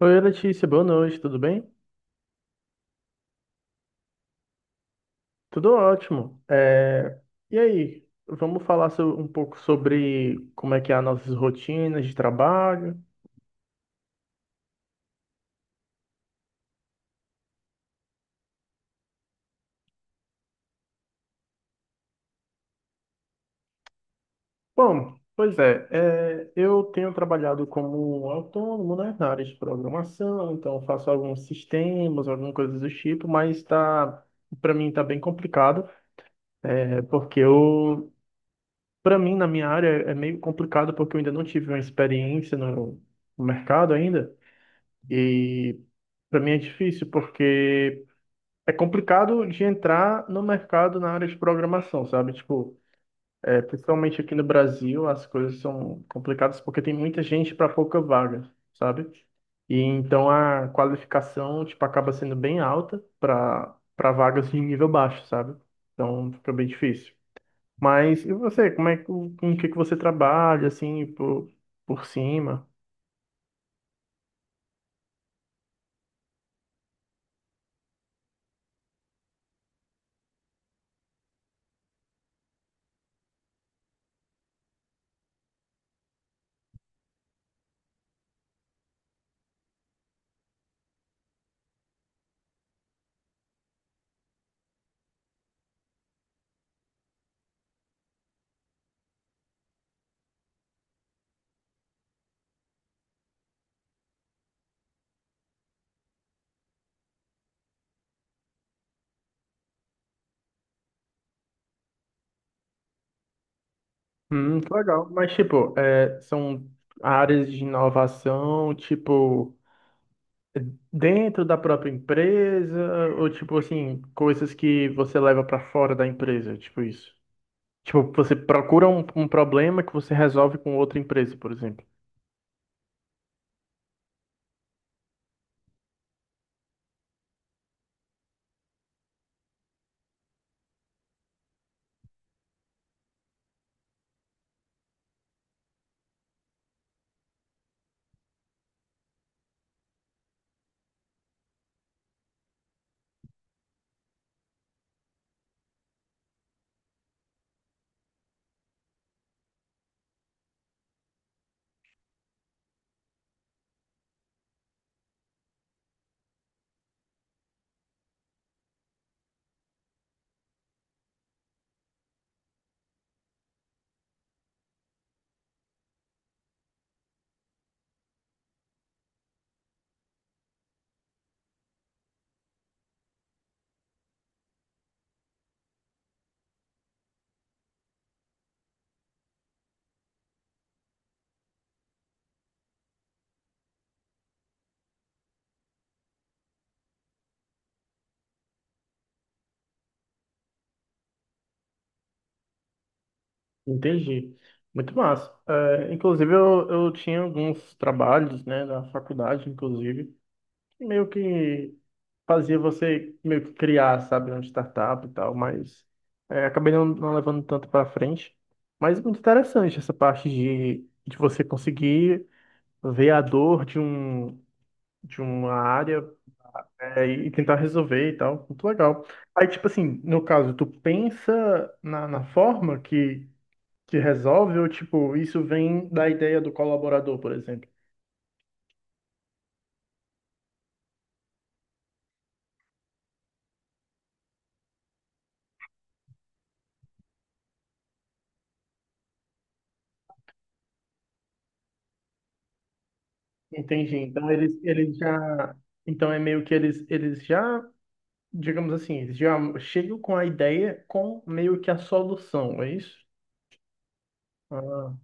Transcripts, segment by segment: Oi, Letícia, boa noite, tudo bem? Tudo ótimo. E aí, vamos falar um pouco sobre como é que é as nossas rotinas de trabalho? Bom, pois é, eu tenho trabalhado como autônomo, né, na área de programação, então faço alguns sistemas, alguma coisa do tipo, mas tá, para mim tá bem complicado, é, porque eu, para mim na minha área é meio complicado porque eu ainda não tive uma experiência no mercado ainda. E para mim é difícil porque é complicado de entrar no mercado na área de programação, sabe? Tipo, é, principalmente aqui no Brasil, as coisas são complicadas porque tem muita gente para pouca vaga, sabe? E então a qualificação, tipo, acaba sendo bem alta para vagas de nível baixo, sabe? Então fica bem difícil. Mas e você, como é que com o que que você trabalha assim por cima? Que legal. Mas, tipo, é, são áreas de inovação, tipo, dentro da própria empresa, ou, tipo, assim, coisas que você leva pra fora da empresa, tipo isso. Tipo, você procura um problema que você resolve com outra empresa, por exemplo. Entendi. Muito massa. É, inclusive, eu tinha alguns trabalhos, né, da faculdade, inclusive, meio que. Fazia você meio que criar, sabe, uma startup e tal, mas é, acabei não levando tanto para frente. Mas muito interessante essa parte de você conseguir ver a dor de uma área é, e tentar resolver e tal. Muito legal. Aí, tipo assim, no caso, tu pensa na forma que resolve ou, tipo, isso vem da ideia do colaborador, por exemplo. Entendi. Então, eles já... Então, é meio que eles já digamos assim, eles já chegam com a ideia com meio que a solução, é isso? Ah,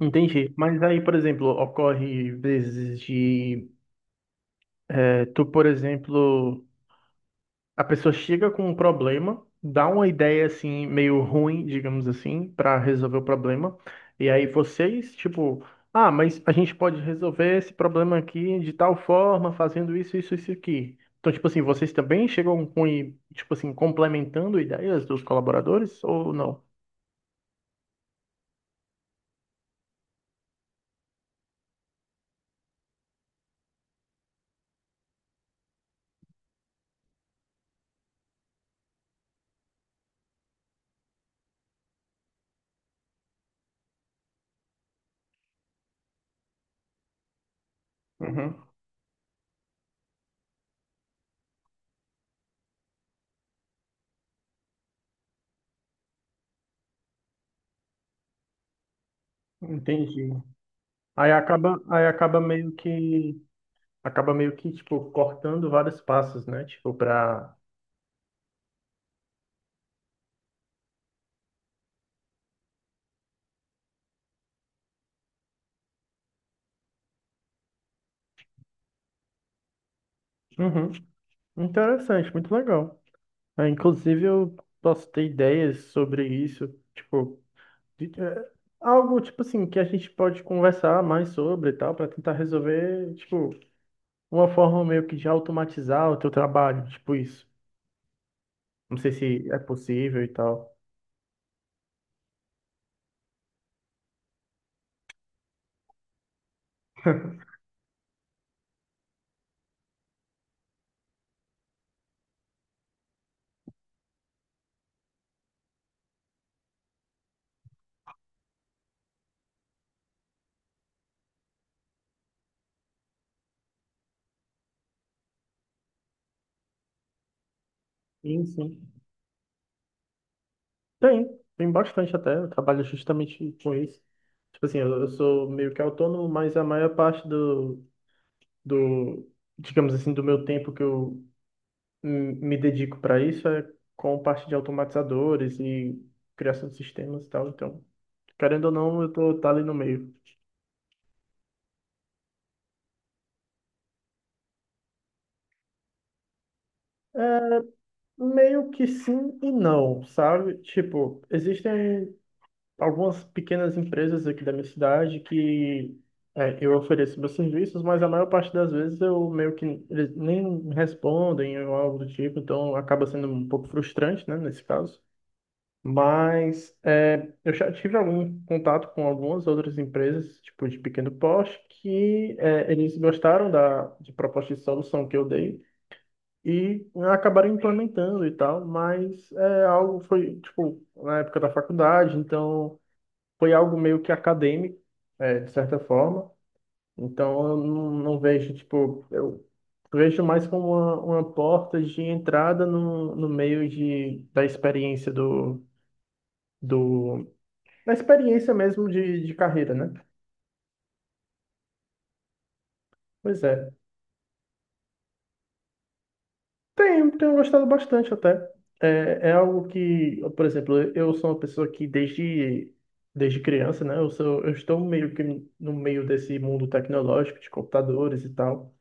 entendi. Mas aí, por exemplo, ocorre vezes de eh, tu, por exemplo, a pessoa chega com um problema, dá uma ideia assim meio ruim, digamos assim, para resolver o problema. E aí vocês, tipo, ah, mas a gente pode resolver esse problema aqui de tal forma, fazendo isso, isso, isso aqui. Então, tipo assim, vocês também chegam com, tipo assim, complementando ideias dos colaboradores ou não? Uhum, entendi. Aí acaba meio que, tipo, cortando vários passos, né? Tipo, pra... Uhum, interessante, muito legal. Ah, inclusive, eu posso ter ideias sobre isso, tipo, de- é, algo tipo assim que a gente pode conversar mais sobre e tal, para tentar resolver, tipo, uma forma meio que de automatizar o teu trabalho, tipo isso. Não sei se é possível e tal. Sim, sim. Tem, tem bastante até. Eu trabalho justamente com isso. Tipo assim, eu sou meio que autônomo, mas a maior parte do, digamos assim, do meu tempo que eu me dedico para isso é com parte de automatizadores e criação de sistemas e tal. Então, querendo ou não, eu tô ali no meio. Meio que sim e não, sabe? Tipo, existem algumas pequenas empresas aqui da minha cidade que é, eu ofereço meus serviços, mas a maior parte das vezes eu meio que eles nem respondem ou algo do tipo, então acaba sendo um pouco frustrante, né, nesse caso. Mas é, eu já tive algum contato com algumas outras empresas, tipo de pequeno porte, que é, eles gostaram da de proposta de solução que eu dei e né, acabaram implementando e tal, mas é algo foi tipo na época da faculdade, então foi algo meio que acadêmico, é, de certa forma. Então eu não vejo tipo eu vejo mais como uma porta de entrada no meio de da experiência do na experiência mesmo de carreira, né? Pois é. Tenho, tenho gostado bastante até. É, é algo que, por exemplo, eu sou uma pessoa que desde criança, né? Eu estou meio que no meio desse mundo tecnológico, de computadores e tal.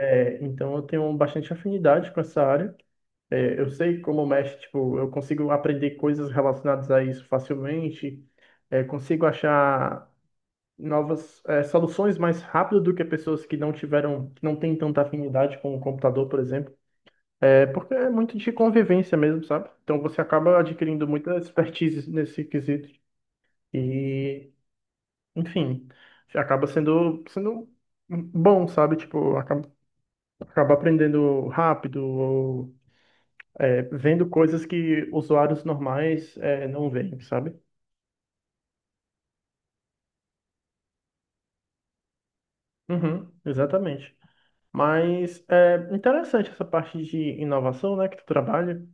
É, então eu tenho bastante afinidade com essa área. É, eu sei como mexe, tipo, eu consigo aprender coisas relacionadas a isso facilmente. É, consigo achar novas soluções mais rápido do que pessoas que que não têm tanta afinidade com o computador, por exemplo. É porque é muito de convivência mesmo, sabe? Então você acaba adquirindo muita expertise nesse quesito e, enfim, acaba sendo bom, sabe? Tipo, acaba, acaba aprendendo rápido ou vendo coisas que usuários normais não veem, sabe? Uhum, exatamente. Mas é interessante essa parte de inovação, né, que tu trabalha.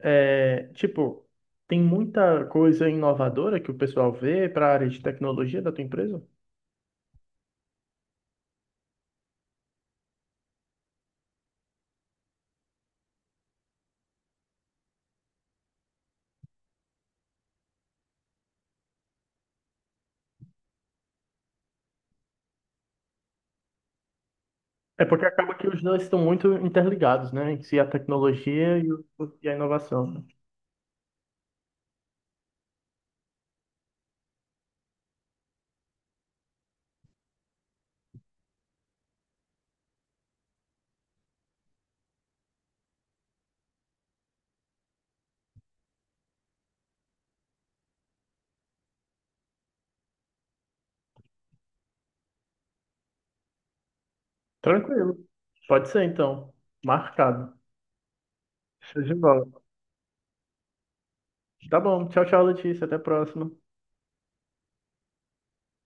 É, tipo, tem muita coisa inovadora que o pessoal vê para a área de tecnologia da tua empresa? É porque acaba que os dois estão muito interligados, né? Em si, a tecnologia e a inovação, né? Tranquilo. Pode ser, então. Marcado. Show de bola. Tá bom. Tchau, tchau, Letícia. Até a próxima.